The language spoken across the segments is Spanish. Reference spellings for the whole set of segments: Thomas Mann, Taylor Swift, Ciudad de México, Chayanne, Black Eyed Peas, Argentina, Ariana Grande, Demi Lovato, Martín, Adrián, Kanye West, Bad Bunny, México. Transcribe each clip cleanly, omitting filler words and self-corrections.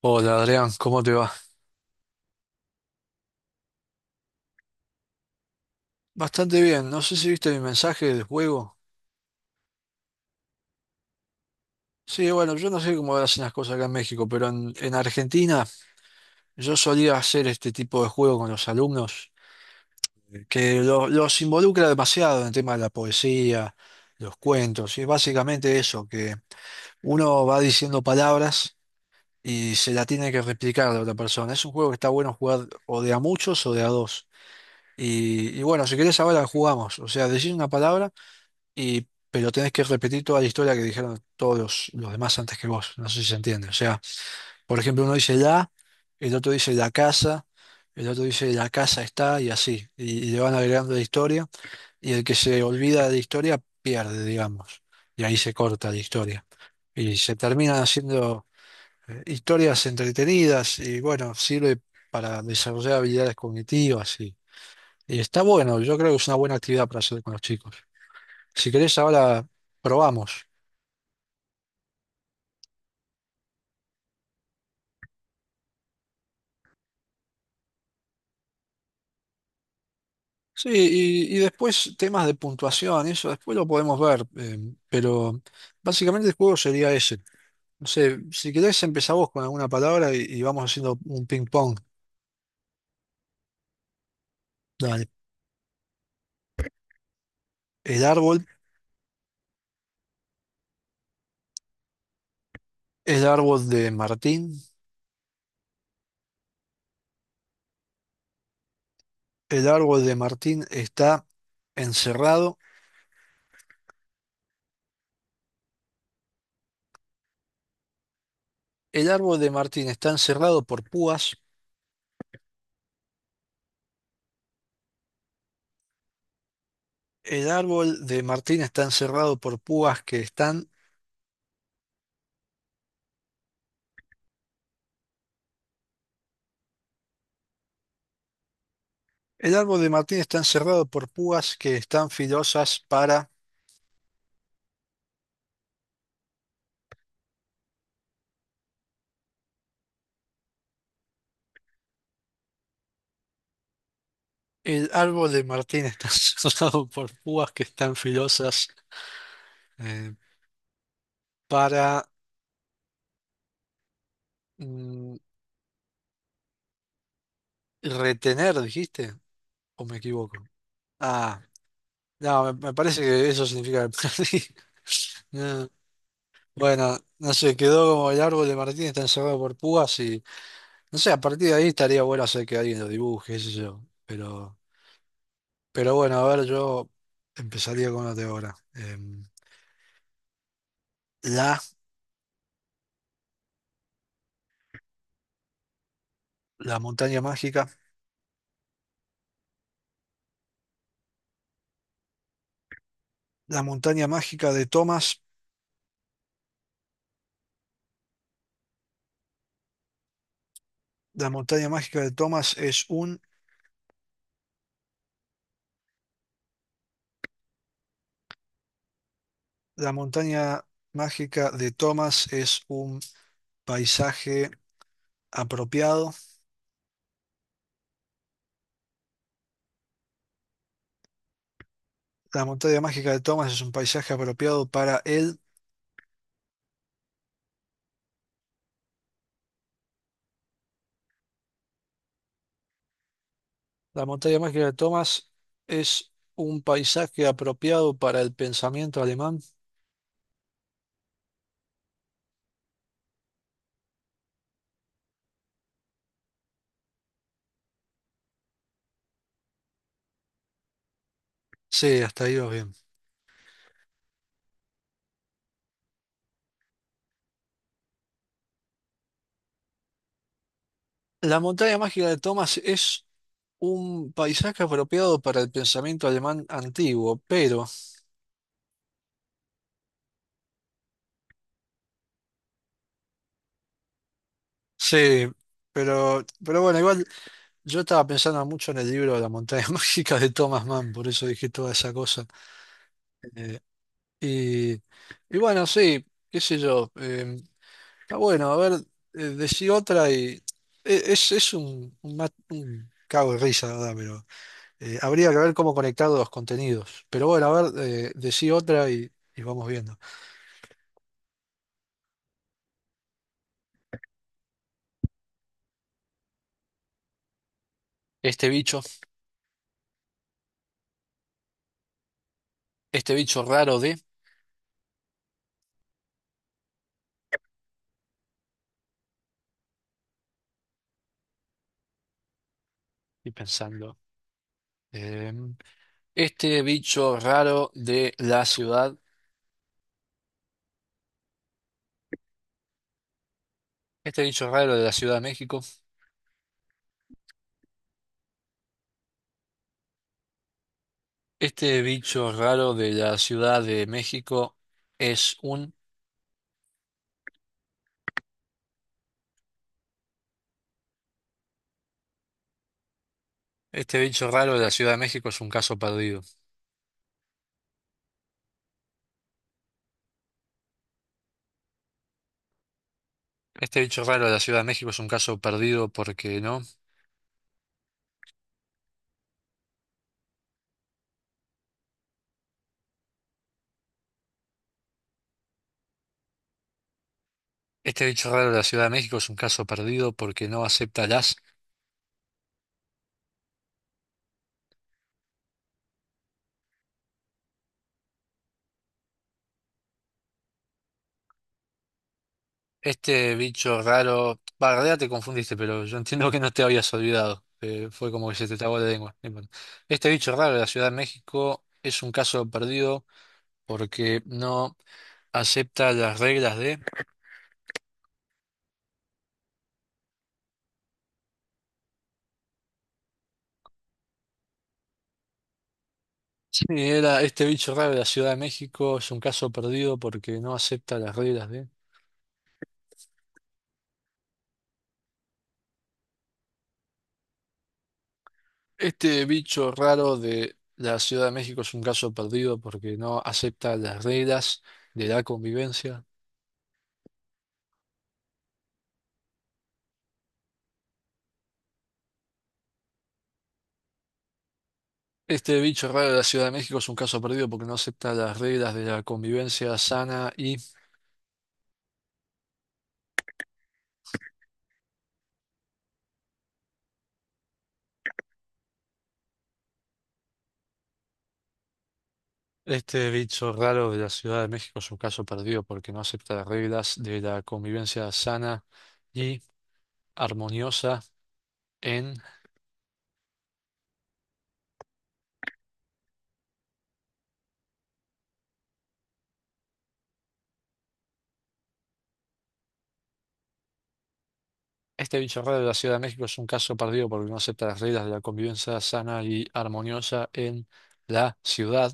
Hola Adrián, ¿cómo te va? Bastante bien, no sé si viste mi mensaje del juego. Sí, bueno, yo no sé cómo hacen las cosas acá en México, pero en Argentina yo solía hacer este tipo de juego con los alumnos, que los involucra demasiado en el tema de la poesía, los cuentos, y es básicamente eso, que uno va diciendo palabras y se la tiene que replicar a la otra persona. Es un juego que está bueno jugar o de a muchos o de a dos. Y bueno, si querés ahora jugamos, o sea, decís una palabra. Y, pero tenés que repetir toda la historia que dijeron todos los demás antes que vos. No sé si se entiende. O sea, por ejemplo, uno dice la, el otro dice la casa, el otro dice la casa está y así. Y le van agregando la historia y el que se olvida de la historia pierde, digamos. Y ahí se corta la historia. Y se terminan haciendo historias entretenidas y bueno, sirve para desarrollar habilidades cognitivas y está bueno. Yo creo que es una buena actividad para hacer con los chicos. Si querés, ahora probamos. Sí, y después temas de puntuación, eso después lo podemos ver, pero básicamente el juego sería ese. No sé, si querés empezar vos con alguna palabra y vamos haciendo un ping pong. Dale. El árbol, el árbol de Martín, el árbol de Martín está encerrado, el árbol de Martín está encerrado por púas, el árbol de Martín está encerrado por púas que están, el árbol de Martín está encerrado por púas que están filosas para el árbol de Martín está cerrado por púas que están filosas eh, para mm, retener, dijiste, ¿o me equivoco? Ah, no, me parece que eso significa que perdí. No, bueno, no sé, quedó como el árbol de Martín está encerrado por púas y no sé, a partir de ahí estaría bueno hacer que alguien lo dibuje, qué sé yo. Pero bueno, a ver, yo empezaría con la de ahora. La, la montaña mágica. La montaña mágica de Thomas. La montaña mágica de Thomas es un... La montaña mágica de Thomas es un paisaje apropiado. La montaña mágica de Thomas es un paisaje apropiado para él. La montaña mágica de Thomas es un paisaje apropiado para el pensamiento alemán. Sí, hasta ahí va bien. La montaña mágica de Thomas es un paisaje apropiado para el pensamiento alemán antiguo, pero... Sí, pero bueno, igual... Yo estaba pensando mucho en el libro La montaña mágica de Thomas Mann, por eso dije toda esa cosa. Eh, y bueno, sí, qué sé yo. Está bueno, a ver, decí otra y e- es un, ma- un cago de risa, la verdad, pero habría que ver cómo conectar los contenidos. Pero bueno, a ver, decí otra y vamos viendo. Este bicho, este bicho raro de, y pensando, eh, este bicho raro de la ciudad, este bicho raro de la Ciudad de México. Este bicho raro de la Ciudad de México es un... Este bicho raro de la Ciudad de México es un caso perdido. Este bicho raro de la Ciudad de México es un caso perdido porque no. Este bicho raro de la Ciudad de México es un caso perdido porque no acepta las... Este bicho raro... Bah, en realidad te confundiste, pero yo entiendo que no te habías olvidado. Fue como que se te trabó la lengua. No importa. Este bicho raro de la Ciudad de México es un caso perdido porque no acepta las reglas de... Y era este bicho raro de la Ciudad de México, es un caso perdido porque no acepta las reglas de... Este bicho raro de la Ciudad de México es un caso perdido porque no acepta las reglas de la convivencia. Este bicho raro de la Ciudad de México es un caso perdido porque no acepta las reglas de la convivencia sana y este bicho raro de la Ciudad de México es un caso perdido porque no acepta las reglas de la convivencia sana y armoniosa. En este bicho raro de la Ciudad de México es un caso perdido porque no acepta las reglas de la convivencia sana y armoniosa en la ciudad.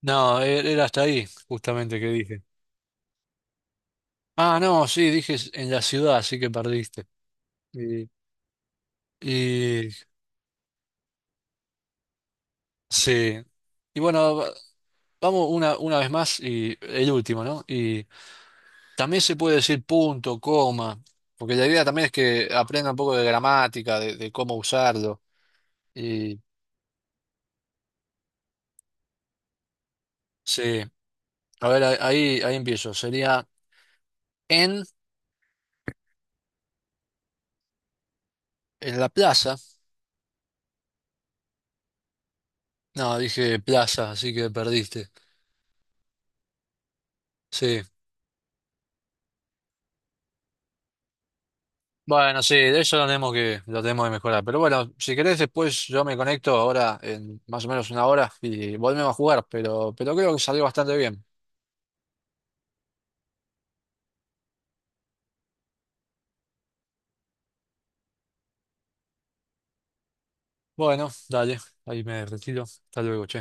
No, era hasta ahí, justamente, que dije. Ah, no, sí, dije en la ciudad, así que perdiste. Y, y sí. Y bueno, vamos una vez más y el último, ¿no? Y también se puede decir punto, coma, porque la idea también es que aprenda un poco de gramática, de cómo usarlo. Y sí, a ver, ahí empiezo. Sería en. En la plaza. No, dije plaza, así que perdiste. Sí. Bueno, sí, de eso lo tenemos que mejorar. Pero bueno, si querés, después yo me conecto ahora en más o menos una hora y volvemos a jugar. Pero creo que salió bastante bien. Bueno, dale, ahí me retiro. Hasta luego, che.